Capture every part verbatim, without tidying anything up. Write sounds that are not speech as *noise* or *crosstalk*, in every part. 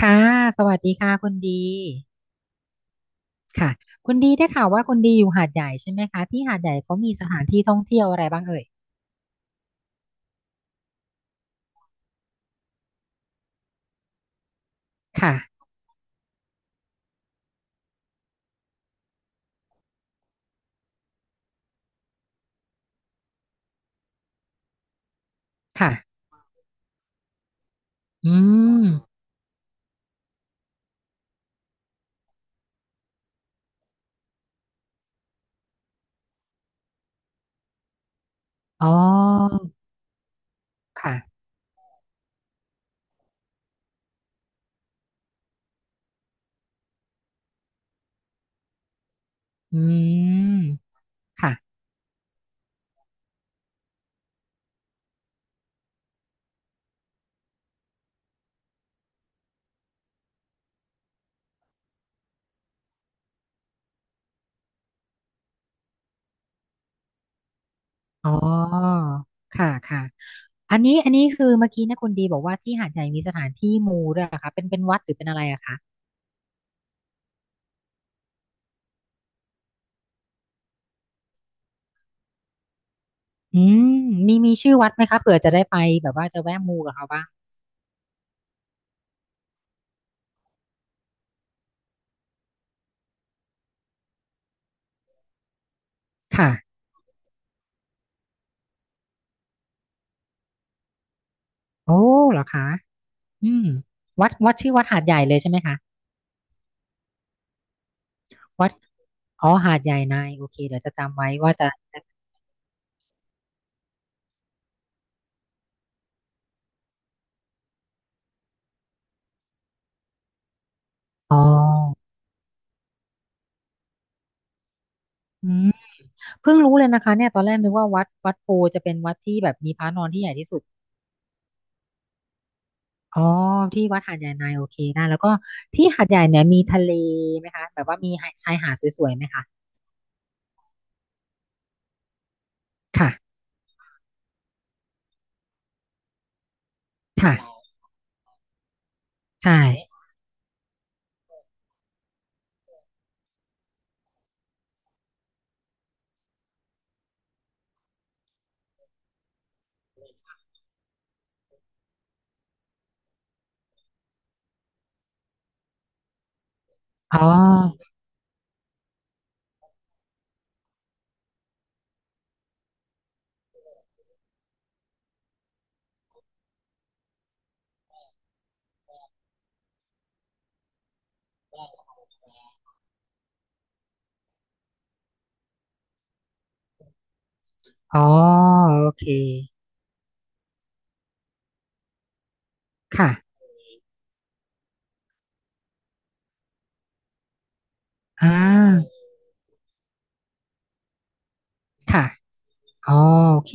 ค่ะสวัสดีค่ะคุณดีค่ะคุณดีได้ข่าวว่าคุณดีอยู่หาดใหญ่ใช่ไหมคะที่หาดใหญ่เขามีสถานที่ท่องเที่ยวอะไรบ้างเอ่ยค่ะค่ะอืมอ๋อค่ะอืมค่ะอ๋อค่ะค่ะ อันนี้อันนี้คือเมื่อกี้นะคุณดีบอกว่าที่หาดใหญ่มีสถานที่มูด้วยเหรอคะเป็นเป็นวัดหรือเป็นอะไรอะคะอืมมีมีชื่อวัดไหมคะเผื่อจะได้ไปแบบว่าจะแวะมูกับเขาบ้างค่ะโอ้เหรอคะอืมวัดวัดชื่อวัดหาดใหญ่เลยใช่ไหมคะ วัดอ๋อหาดใหญ่ในโอเคเดี๋ยวจะจำไว้ว่าจะอ๋ออืมเพิ่งรู้เลยนะคะเนี่ยตอนแรกนึกว่าวัดวัดโพจะเป็นวัดที่แบบมีพระนอนที่ใหญ่ที่สุดอ๋อที่วัดหาดใหญ่ในโอเคได้แล้วก็ที่หาดใหญ่เนี่ยมีทะเลไหมคะแบบว่ามีชายหาดสวยๆไหมคะค่ะค่ะใช่อ๋ออ๋อโอเคค่ะอ่าค่ะ อ๋อโอเค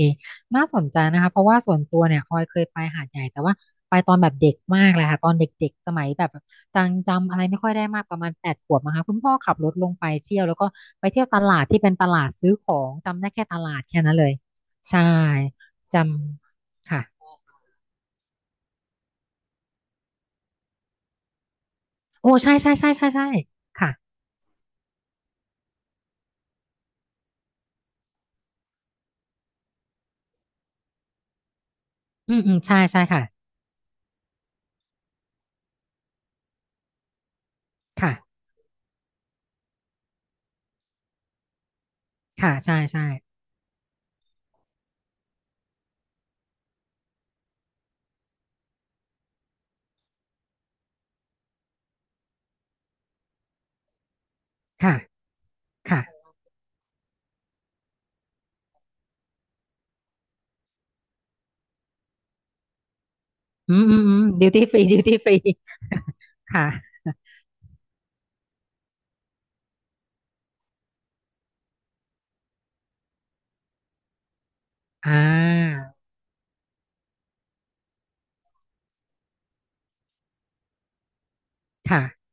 น่าสนใจนะคะเพราะว่าส่วนตัวเนี่ยออยเคยไปหาดใหญ่แต่ว่าไปตอนแบบเด็กมากเลยค่ะตอนเด็กๆสมัยแบบจังจำอะไรไม่ค่อยได้มากประมาณแปดขวบนะคะคุณพ่อขับรถลงไปเที่ยวแล้วก็ไปเที่ยวตลาดที่เป็นตลาดซื้อของจำได้แค่ตลาดแค่นั้นเลยใช่จำค่ะโอ้ใช่ใช่ใช่ใช่ใช่ค่ะอืมอืมใช่ใช่ค่ะค่ะค่ะใช่ใช่ค่ะค่ะอืมอืมอืมดิวตี้ฟรีดิวตี้ฟรี *laughs* ค่ะอ่าค่ะ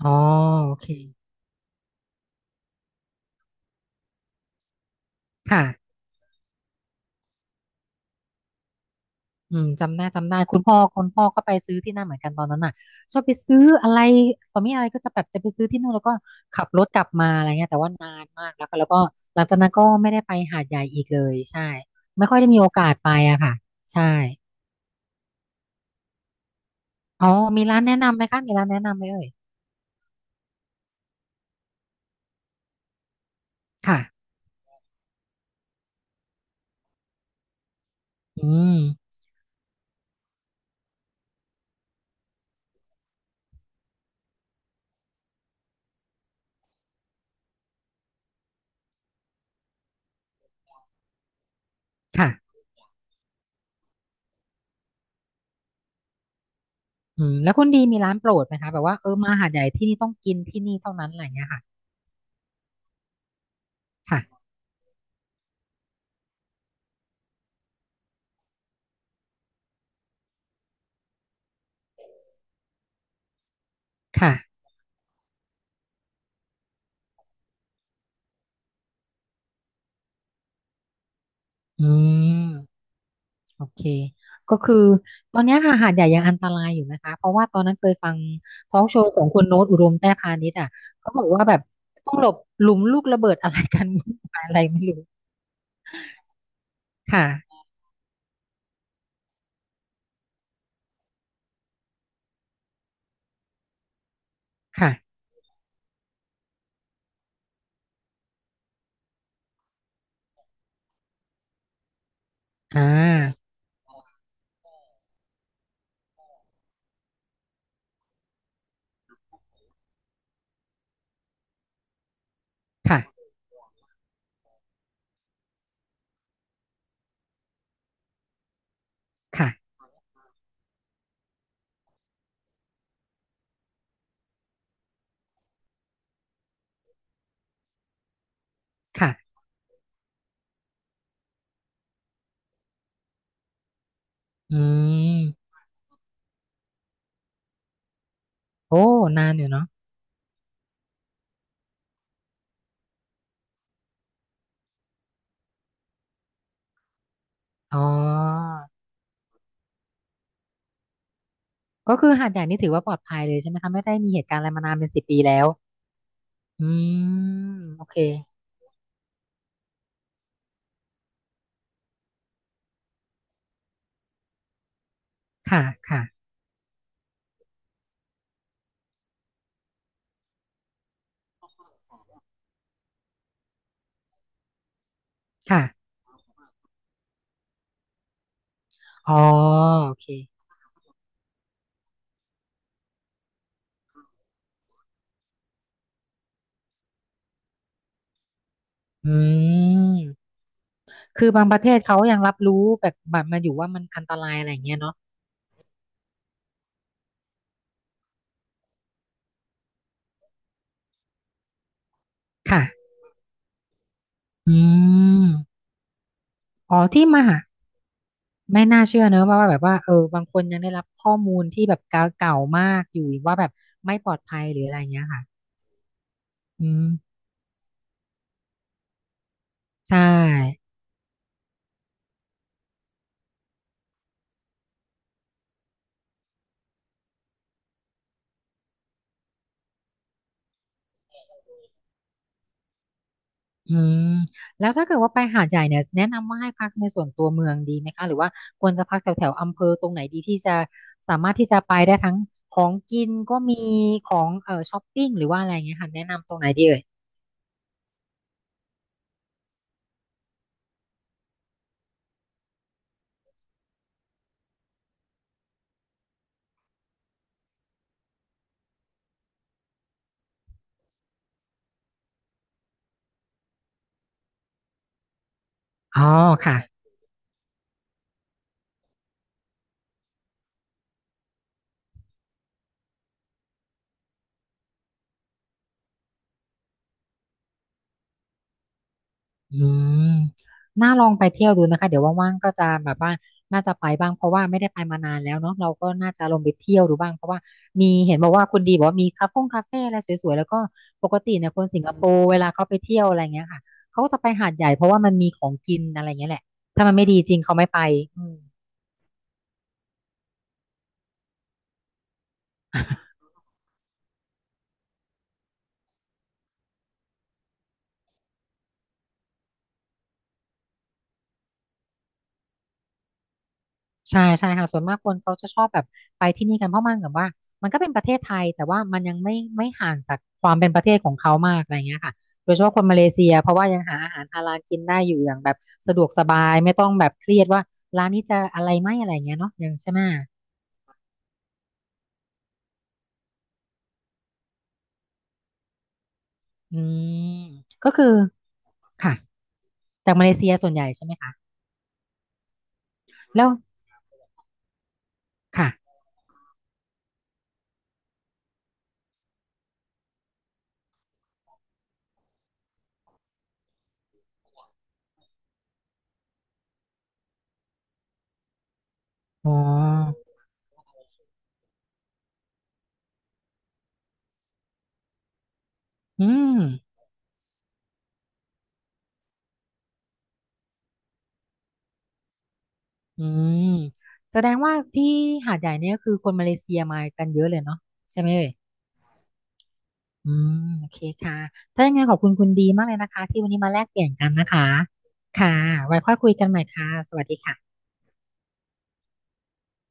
อ๋อโอเคค่ะอืมจำได้จำได้คุณพ่อคุณพ่อก็ไปซื้อที่นั่นเหมือนกันตอนนั้นน่ะชอบไปซื้ออะไรตอนนี้อะไรก็จะแบบจะไปซื้อที่นู่นแล้วก็ขับรถกลับมาอะไรเงี้ยแต่ว่านานมากแล้วก็แล้วก็หลังจากนั้นก็ไม่ได้ไปหาดใหญ่อีกเลยใช่ไม่ค่อยได้มีโอกาสไปอะค่ะใช่อ๋อมีร้านแนะนำไหมคะมีร้านแนะนำไหมเอ่ยค่ะอืมค่ะอืมแล้วคุณดีมีร้านโปรดไหมคะแบบว่าเออมาหาดใหญ่ที่นี่ต้องกินที่นี่เท่านั้นอะไรเงี้ยค่ะค่ะค่ะอืม โอเค ก็คือตอนเนี้ยค่ะหาดใหญ่ยังอันตรายอยู่นะคะเพราะว่าตอนนั้นเคยฟังทอล์กโชว์ของคุณโน้ตอุดมแต้พานิชอ่ะเขาบอกว่าแบบต้องหลบหลุมลูกระเบิดอะไรกัน *laughs* วุ่นวายอะไรไม่รู้ค่ะค่ะอ่าค่ะค่ะค่ะอืมโอ้นานอยู่เนาะอ๋อก็คือหาดใหญ่นี่ถือว่าปลอดภัยเลยใช่ไหมคะไม่ได้มีเหตุการณ์อะไรมานานเป็นสิบปีแล้วอืมโอเคค่ะค่ะค่ะอ๋อโอเคอืม คือบางประเทศเขายังรับรู้แบบแบบมาอยู่ว่ามันอันตรายอะไรอย่างเงี้ยเนาะค่ะอืมอ๋อที่มาไม่น่าเชื่อเนอะว่าว่าแบบว่าเออบางคนยังได้รับข้อมูลที่แบบเก่าเก่ามากอยู่ว่าแบบไม่ปลอดภัยหรืออะไรเงี้ยค่ะอืมใช่อืมแล้วถ้าเกิดว่าไปหาดใหญ่เนี่ยแนะนำว่าให้พักในส่วนตัวเมืองดีไหมคะหรือว่าควรจะพักแถวแถวอำเภอตรงไหนดีที่จะสามารถที่จะไปได้ทั้งของกินก็มีของเอ่อช้อปปิ้งหรือว่าอะไรเงี้ยค่ะแนะนำตรงไหนดีเอ่ยอ๋อค่ะ อืมน่าลองไปเที่ยวดูนะคะเดี๋ยวว่างๆก็จะแบบว่าน่าจะไปบ้างเพราะว่าไม่ได้ไปมานานแล้วเนาะเราก็น่าจะลองไปเที่ยวดูบ้างเพราะว่ามีเห็นบอกว่าคุณดีบอกว่ามีคาเฟ่คาเฟ่อะไรสวยๆแล้วก็ปกติเนี่ยคนสิงคโปร์เวลาเขาไปเที่ยวอะไรเงี้ยค่ะเขาก็จะไปหาดใหญ่เพราะว่ามันมีของกินอะไรเงี้ยแหละถ้ามันไม่ดีจริงเขาไม่ไปอืม ใช่ใช่ค่ะส่วนมากคนเขาจะชอบแบบไปที่นี่กันเพราะมันแบบว่ามันก็เป็นประเทศไทยแต่ว่ามันยังไม่ไม่ห่างจากความเป็นประเทศของเขามากอะไรเงี้ยค่ะโดยเฉพาะคนมาเลเซียเพราะว่ายังหาอาหารฮาลาลกินได้อยู่อย่างแบบสะดวกสบายไม่ต้องแบบเครียดว่าร้านนี้จะอะไรไหมอะไรเงี้ยเนาะยังใช่ไหมอืมก็คือค่ะจากมาเลเซียส่วนใหญ่ใช่ไหมคะแล้วค่ะอ๋ออืมอืมแสดงว่าที่หาดใหญ่เนี่ยก็คือคนมาเลเซียมากันเยอะเลยเนาะใช่ไหมเอ่ย อืมโอเคค่ะถ้ายังไงขอบคุณคุณดีมากเลยนะคะที่วันนี้มาแลกเปลี่ยนกันนะคะค่ะไว้ค่อยคุยกันใหม่ค่ะสวัสดีค่ะ